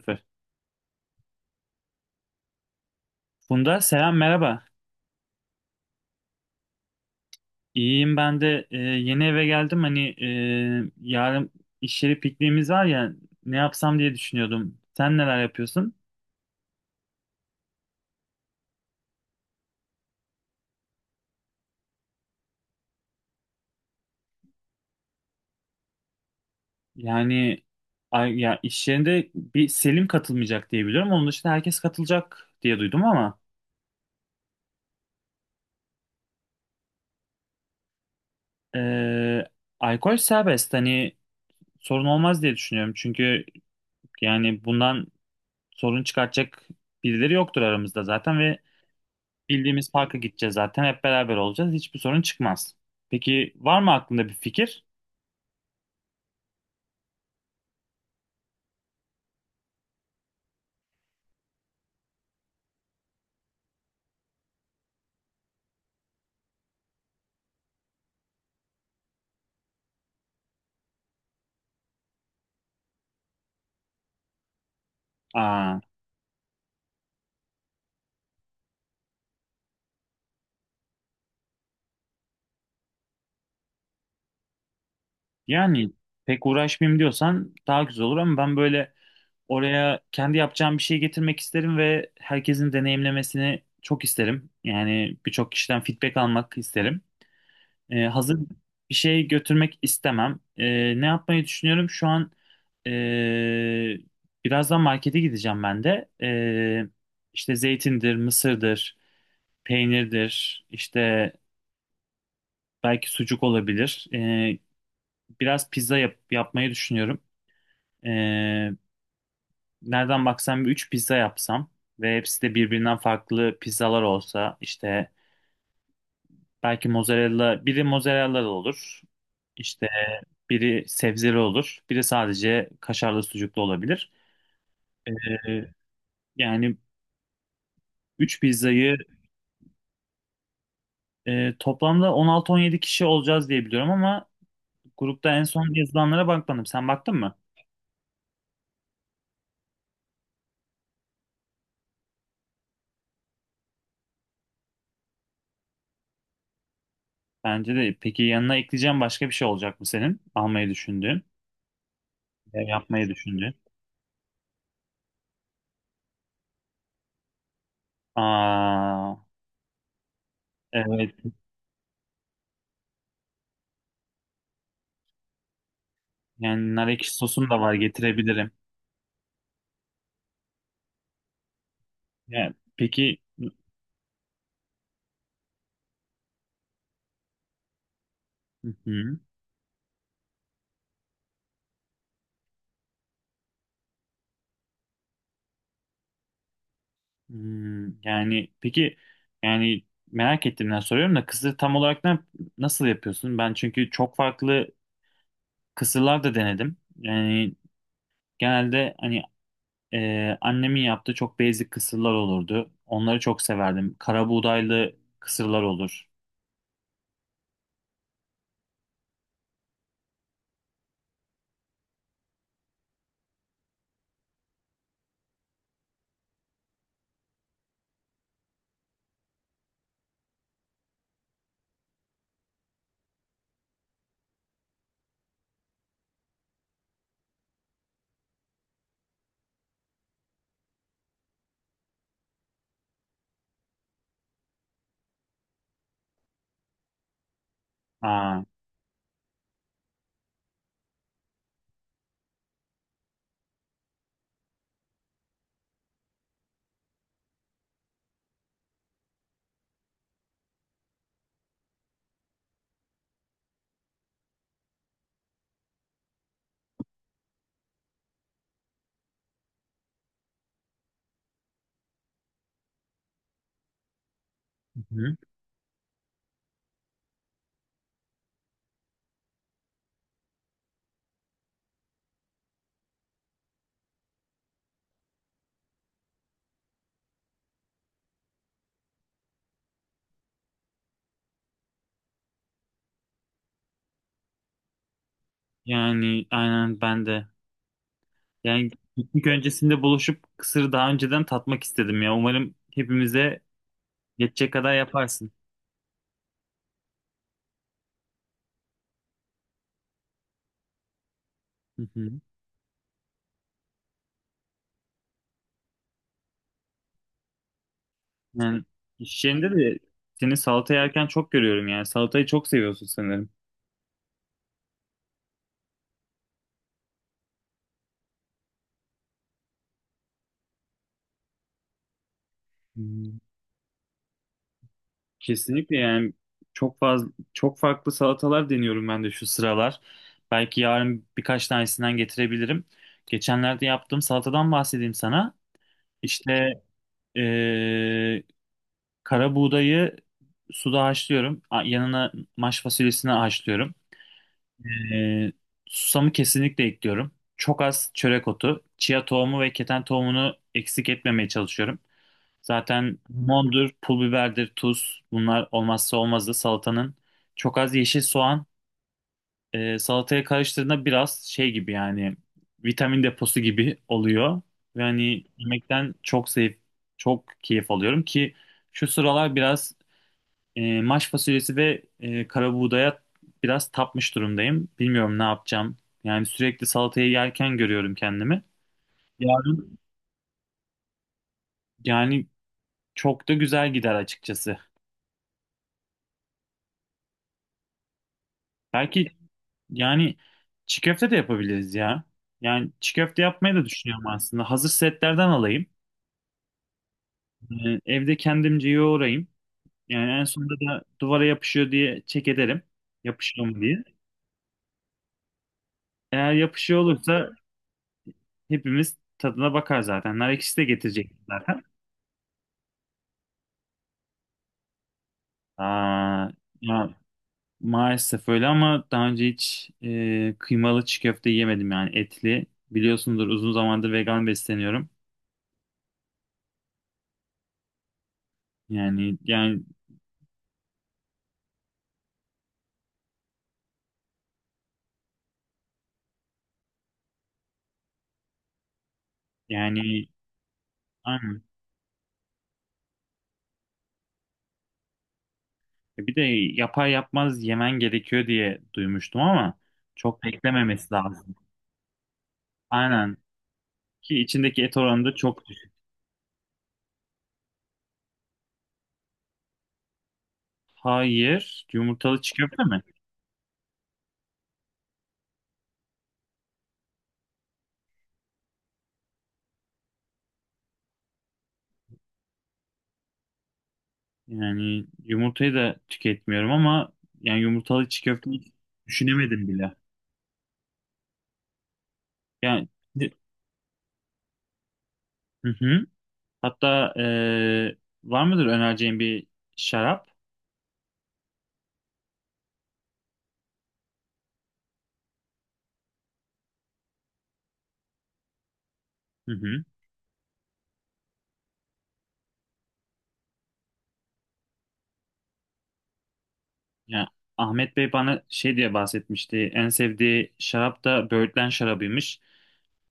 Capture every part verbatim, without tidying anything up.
Süper. Bunda selam merhaba. İyiyim ben de e, yeni eve geldim. Hani e, yarın iş yeri pikniğimiz var ya ne yapsam diye düşünüyordum. Sen neler yapıyorsun? Yani ay, ya iş yerinde bir Selim katılmayacak diye biliyorum. Onun dışında herkes katılacak diye duydum ama e, alkol serbest. Hani sorun olmaz diye düşünüyorum. Çünkü yani bundan sorun çıkartacak birileri yoktur aramızda zaten ve bildiğimiz parka gideceğiz zaten. Hep beraber olacağız. Hiçbir sorun çıkmaz. Peki var mı aklında bir fikir? Aa, yani pek uğraşmayayım diyorsan daha güzel olur ama ben böyle oraya kendi yapacağım bir şey getirmek isterim ve herkesin deneyimlemesini çok isterim. Yani birçok kişiden feedback almak isterim. Ee, hazır bir şey götürmek istemem. Ee, ne yapmayı düşünüyorum? Şu an ee, birazdan markete gideceğim ben de. Ee, işte zeytindir, mısırdır, peynirdir, işte belki sucuk olabilir. Ee, biraz pizza yap- yapmayı düşünüyorum. Ee, nereden baksam bir üç pizza yapsam ve hepsi de birbirinden farklı pizzalar olsa işte belki mozzarella, biri mozzarella olur. İşte biri sebzeli olur, biri sadece kaşarlı sucuklu olabilir. Ee, yani üç pizzayı e, toplamda on altı on yedi kişi olacağız diye biliyorum ama grupta en son yazılanlara bakmadım. Sen baktın mı? Bence de. Peki yanına ekleyeceğim başka bir şey olacak mı senin? Almayı düşündüğün veya yapmayı düşündüğün. Aa, evet. Yani nar ekşi sosum da var, getirebilirim. Yani, peki, hı hı. Hmm, yani peki yani merak ettiğimden soruyorum da kısır tam olarak ne, nasıl yapıyorsun? Ben çünkü çok farklı kısırlar da denedim. Yani genelde hani e, annemin yaptığı çok basic kısırlar olurdu. Onları çok severdim. Kara buğdaylı kısırlar olur. Aa, hı. Yani aynen ben de. Yani piknik öncesinde buluşup kısırı daha önceden tatmak istedim ya. Umarım hepimize yetecek kadar yaparsın. Hı hı. Yani iş yerinde de seni salata yerken çok görüyorum yani. Salatayı çok seviyorsun sanırım. Hı. Kesinlikle yani çok fazla, çok farklı salatalar deniyorum ben de şu sıralar. Belki yarın birkaç tanesinden getirebilirim. Geçenlerde yaptığım salatadan bahsedeyim sana. İşte eee, kara buğdayı suda haşlıyorum. A- Yanına maş fasulyesini haşlıyorum. Ee, susamı kesinlikle ekliyorum. Çok az çörek otu, chia tohumu ve keten tohumunu eksik etmemeye çalışıyorum. Zaten mondur, pul biberdir, tuz, bunlar olmazsa olmazdı salatanın. Çok az yeşil soğan e, salataya karıştırdığında biraz şey gibi, yani vitamin deposu gibi oluyor. Ve hani yemekten çok zevk, çok keyif alıyorum ki şu sıralar biraz e, maş fasulyesi ve e, karabuğdaya biraz tapmış durumdayım. Bilmiyorum ne yapacağım. Yani sürekli salatayı yerken görüyorum kendimi. Yarın yani çok da güzel gider açıkçası. Belki yani çiğ köfte de yapabiliriz ya. Yani çiğ köfte yapmayı da düşünüyorum aslında. Hazır setlerden alayım. E, evde kendimce yoğurayım. Yani en sonunda da duvara yapışıyor diye çek ederim. Yapışıyor mu diye. Eğer yapışıyor olursa hepimiz tadına bakar zaten. Nar ekşisi de getirecek zaten. Aa, ya maalesef öyle ama daha önce hiç e, kıymalı çiğ köfte yemedim yani etli. Biliyorsundur, uzun zamandır vegan besleniyorum. Yani yani yani aynen. E, bir de yapar yapmaz yemen gerekiyor diye duymuştum ama çok beklememesi lazım. Aynen, ki içindeki et oranı da çok düşük. Hayır, yumurtalı çiğ köfte mi? Yani yumurtayı da tüketmiyorum ama yani yumurtalı çiğ köfte hiç düşünemedim bile. Yani hı hı. Hatta eee, var mıdır önereceğin bir şarap? Hı hı. Ya, Ahmet Bey bana şey diye bahsetmişti. En sevdiği şarap da böğürtlen şarabıymış.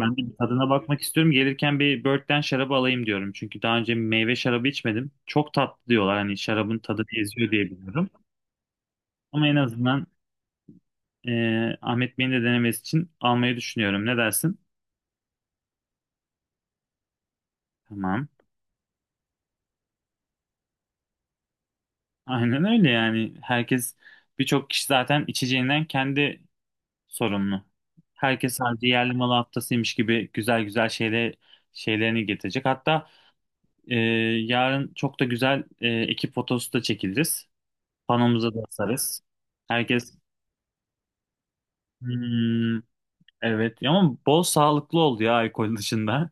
Ben de bir tadına bakmak istiyorum. Gelirken bir böğürtlen şarabı alayım diyorum. Çünkü daha önce meyve şarabı içmedim. Çok tatlı diyorlar. Hani şarabın tadı eziyor diye biliyorum. Ama en azından eee, Ahmet Bey'in de denemesi için almayı düşünüyorum. Ne dersin? Tamam. Aynen öyle yani. Herkes, birçok kişi zaten içeceğinden kendi sorumlu. Herkes sanki yerli malı haftasıymış gibi güzel güzel şeyle şeylerini getirecek. Hatta e, yarın çok da güzel e, ekip fotosu da çekiliriz. Panomuza da asarız. Herkes. Hmm, evet, ama bol sağlıklı oldu ya, alkol dışında.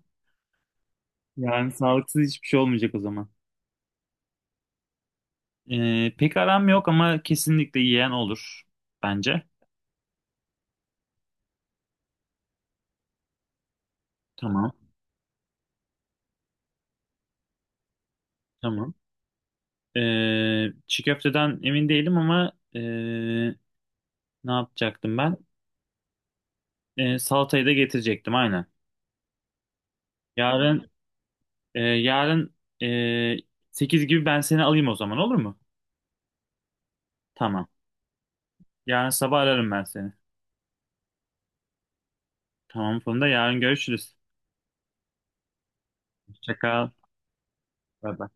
Yani sağlıksız hiçbir şey olmayacak o zaman. E, pek aram yok ama kesinlikle yiyen olur bence. Tamam. Tamam. E, çiğ köfteden emin değilim ama e, ne yapacaktım ben? E, salatayı da getirecektim aynen. Yarın e, yarın e, sekiz gibi ben seni alayım o zaman, olur mu? Tamam. Yarın sabah ararım ben seni. Tamam Funda, yarın görüşürüz. Hoşça kal. Bye bye.